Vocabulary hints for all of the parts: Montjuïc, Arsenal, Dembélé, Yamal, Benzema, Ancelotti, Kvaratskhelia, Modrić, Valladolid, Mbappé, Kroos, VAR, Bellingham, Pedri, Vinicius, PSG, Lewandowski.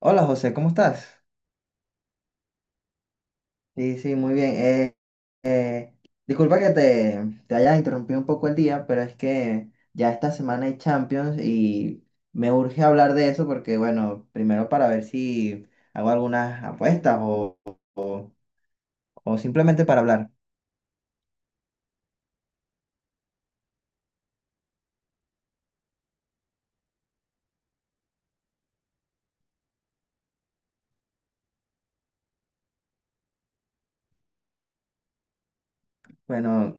Hola José, ¿cómo estás? Sí, sí, muy bien. Eh, disculpa que te haya interrumpido un poco el día, pero es que ya esta semana hay Champions y me urge hablar de eso porque, bueno, primero para ver si hago algunas apuestas o- o simplemente para hablar. Bueno,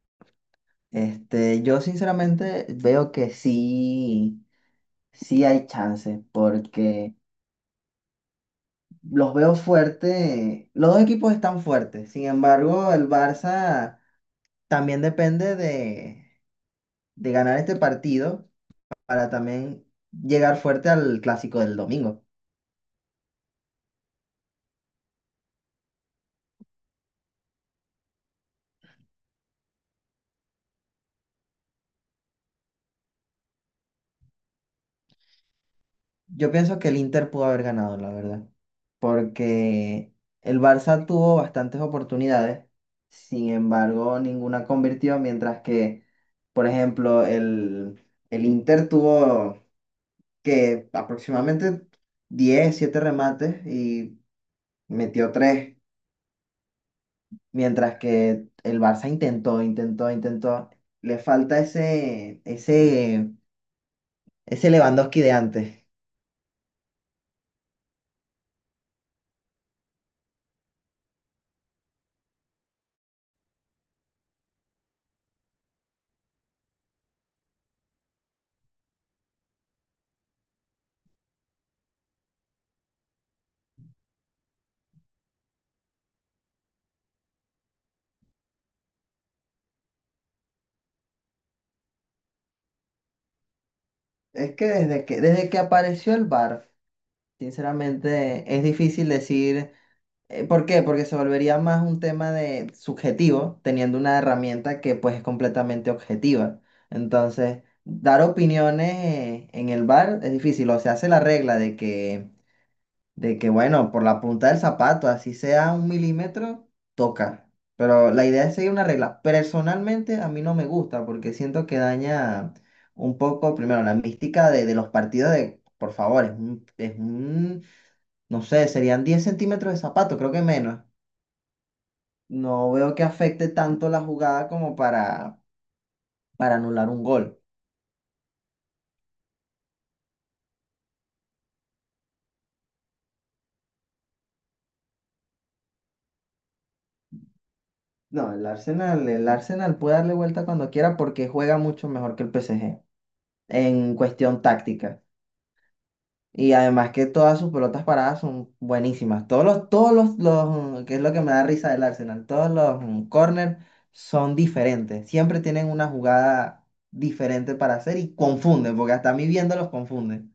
yo sinceramente veo que sí, sí hay chance porque los veo fuerte, los dos equipos están fuertes, sin embargo, el Barça. También depende de ganar este partido para también llegar fuerte al clásico del domingo. Yo pienso que el Inter pudo haber ganado, la verdad, porque el Barça tuvo bastantes oportunidades, sin embargo, ninguna convirtió, mientras que, por ejemplo, el Inter tuvo que aproximadamente 10 7 remates y metió tres. Mientras que el Barça intentó, intentó, intentó. Le falta ese Lewandowski de antes. Es que desde que apareció el VAR, sinceramente, es difícil decir. ¿Por qué? Porque se volvería más un tema de subjetivo, teniendo una herramienta que pues es completamente objetiva. Entonces, dar opiniones en el VAR es difícil. O se hace la regla de que bueno, por la punta del zapato, así sea un milímetro, toca. Pero la idea es seguir una regla. Personalmente a mí no me gusta porque siento que daña un poco, primero, la mística de los partidos de, por favor, no sé, serían 10 centímetros de zapato, creo que menos. No veo que afecte tanto la jugada como para anular un gol. No, el Arsenal puede darle vuelta cuando quiera porque juega mucho mejor que el PSG en cuestión táctica. Y además que todas sus pelotas paradas son buenísimas. Todos los, mm, que es lo que me da risa del Arsenal, todos los corners son diferentes. Siempre tienen una jugada diferente para hacer y confunden, porque hasta a mí viéndolos confunden.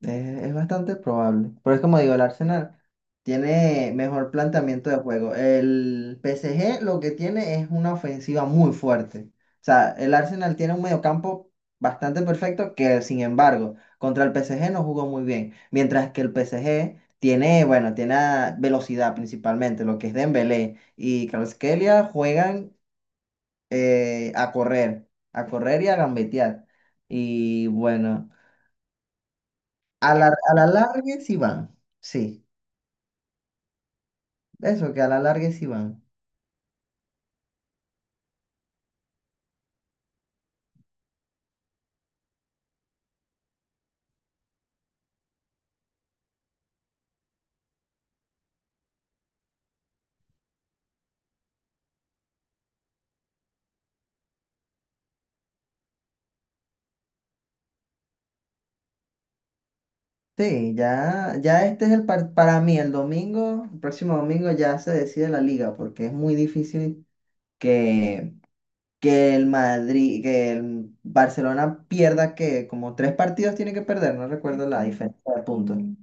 Es, es bastante probable. Pero es como digo, el Arsenal tiene mejor planteamiento de juego. El PSG lo que tiene es una ofensiva muy fuerte. O sea, el Arsenal tiene un mediocampo bastante perfecto que, sin embargo, contra el PSG no jugó muy bien. Mientras que el PSG tiene, bueno, velocidad principalmente. Lo que es Dembélé y Kvaratskhelia juegan a correr y a gambetear. Y bueno. A la larga sí van, sí, eso, que a la larga sí van. Sí, ya, ya para mí el domingo, el próximo domingo ya se decide la liga, porque es muy difícil que, que el Madrid, que el Barcelona pierda que como tres partidos tiene que perder, no recuerdo la diferencia de puntos. Mm.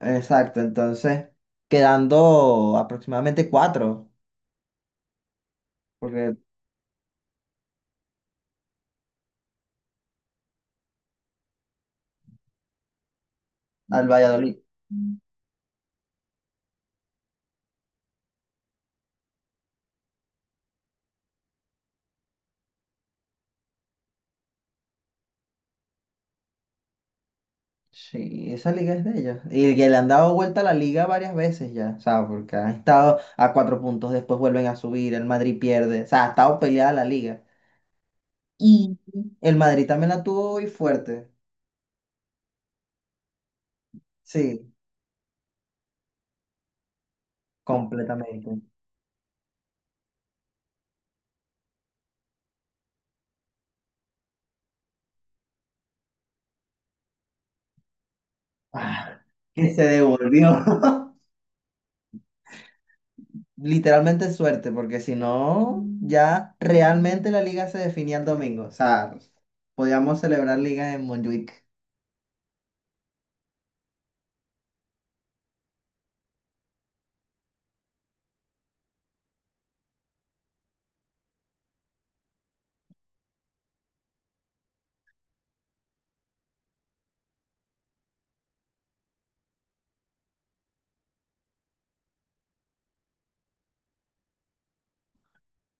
Exacto, entonces quedando aproximadamente cuatro, porque al Valladolid. Sí, esa liga es de ellos. Y que le han dado vuelta a la liga varias veces ya, o sea, porque han estado a cuatro puntos, después vuelven a subir, el Madrid pierde, o sea, ha estado peleada la liga. Y el Madrid también la tuvo hoy fuerte, sí, completamente. Ah, que se devolvió. Literalmente suerte, porque si no, ya realmente la liga se definía el domingo, o sea, podíamos celebrar liga en Montjuic.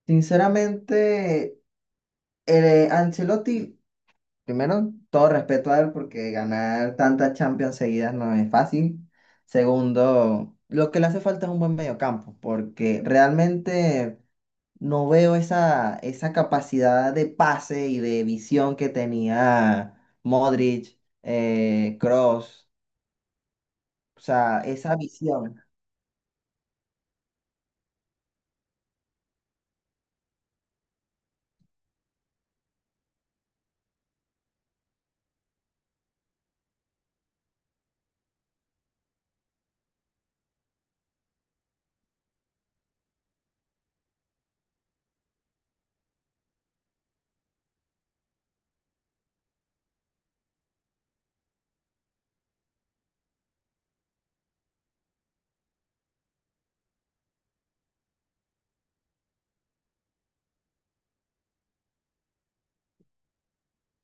Sinceramente, Ancelotti. Primero, todo respeto a él porque ganar tantas Champions seguidas no es fácil. Segundo, lo que le hace falta es un buen mediocampo porque realmente no veo esa capacidad de pase y de visión que tenía Modric, Kroos, o sea, esa visión.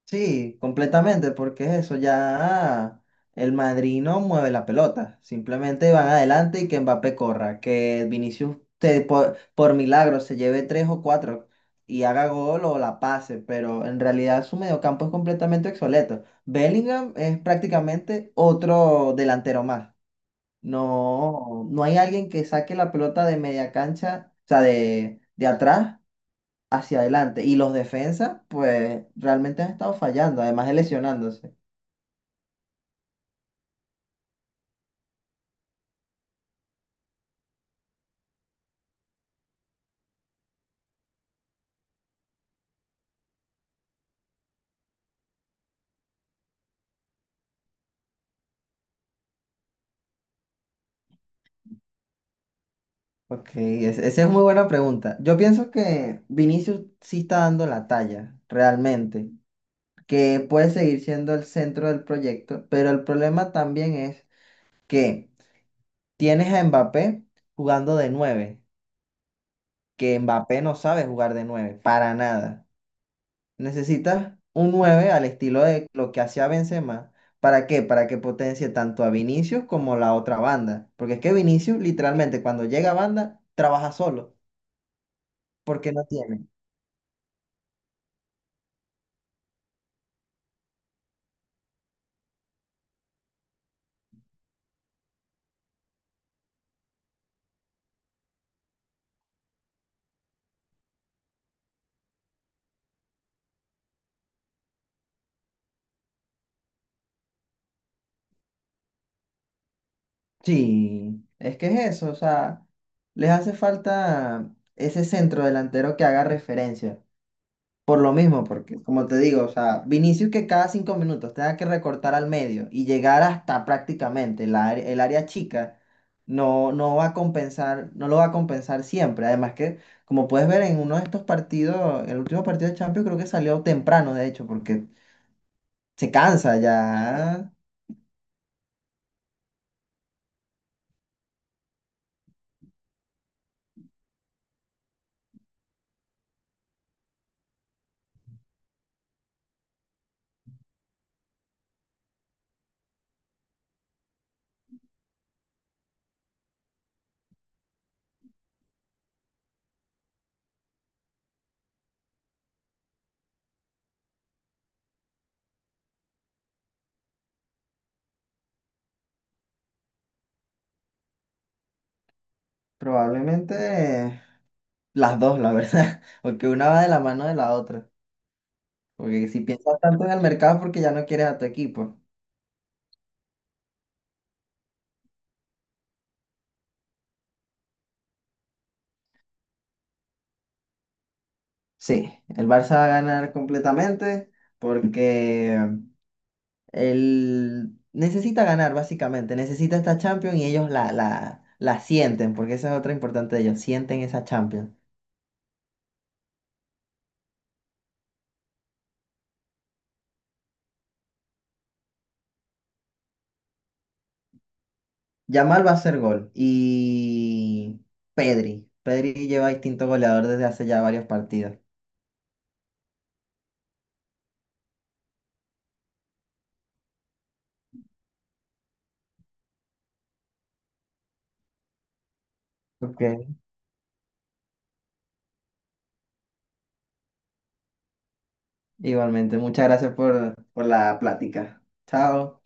Sí, completamente, porque es eso, ya el Madrid no mueve la pelota, simplemente van adelante y que Mbappé corra, que Vinicius por milagro se lleve tres o cuatro y haga gol o la pase, pero en realidad su mediocampo es completamente obsoleto. Bellingham es prácticamente otro delantero más. No, no hay alguien que saque la pelota de media cancha, o sea, de atrás hacia adelante. Y los defensas, pues realmente han estado fallando, además de lesionándose. Ok, esa es muy buena pregunta. Yo pienso que Vinicius sí está dando la talla, realmente, que puede seguir siendo el centro del proyecto, pero el problema también es que tienes a Mbappé jugando de nueve, que Mbappé no sabe jugar de nueve, para nada. Necesitas un 9 al estilo de lo que hacía Benzema. ¿Para qué? Para que potencie tanto a Vinicius como la otra banda. Porque es que Vinicius literalmente cuando llega a banda trabaja solo, porque no tiene. Sí, es que es eso, o sea, les hace falta ese centro delantero que haga referencia. Por lo mismo, porque como te digo, o sea, Vinicius que cada 5 minutos tenga que recortar al medio y llegar hasta prácticamente el área chica, no, no va a compensar, no lo va a compensar siempre. Además que, como puedes ver en uno de estos partidos, el último partido de Champions creo que salió temprano, de hecho, porque se cansa ya, probablemente las dos, la verdad, porque una va de la mano de la otra. Porque si piensas tanto en el mercado es porque ya no quieres a tu equipo. Sí, el Barça va a ganar completamente porque él necesita ganar básicamente, necesita esta Champions y ellos la sienten, porque esa es otra importante de ellos, sienten esa Champions. Yamal va a hacer gol y Pedri, Pedri lleva distinto goleador desde hace ya varios partidos. Ok. Igualmente, muchas gracias por la plática. Chao.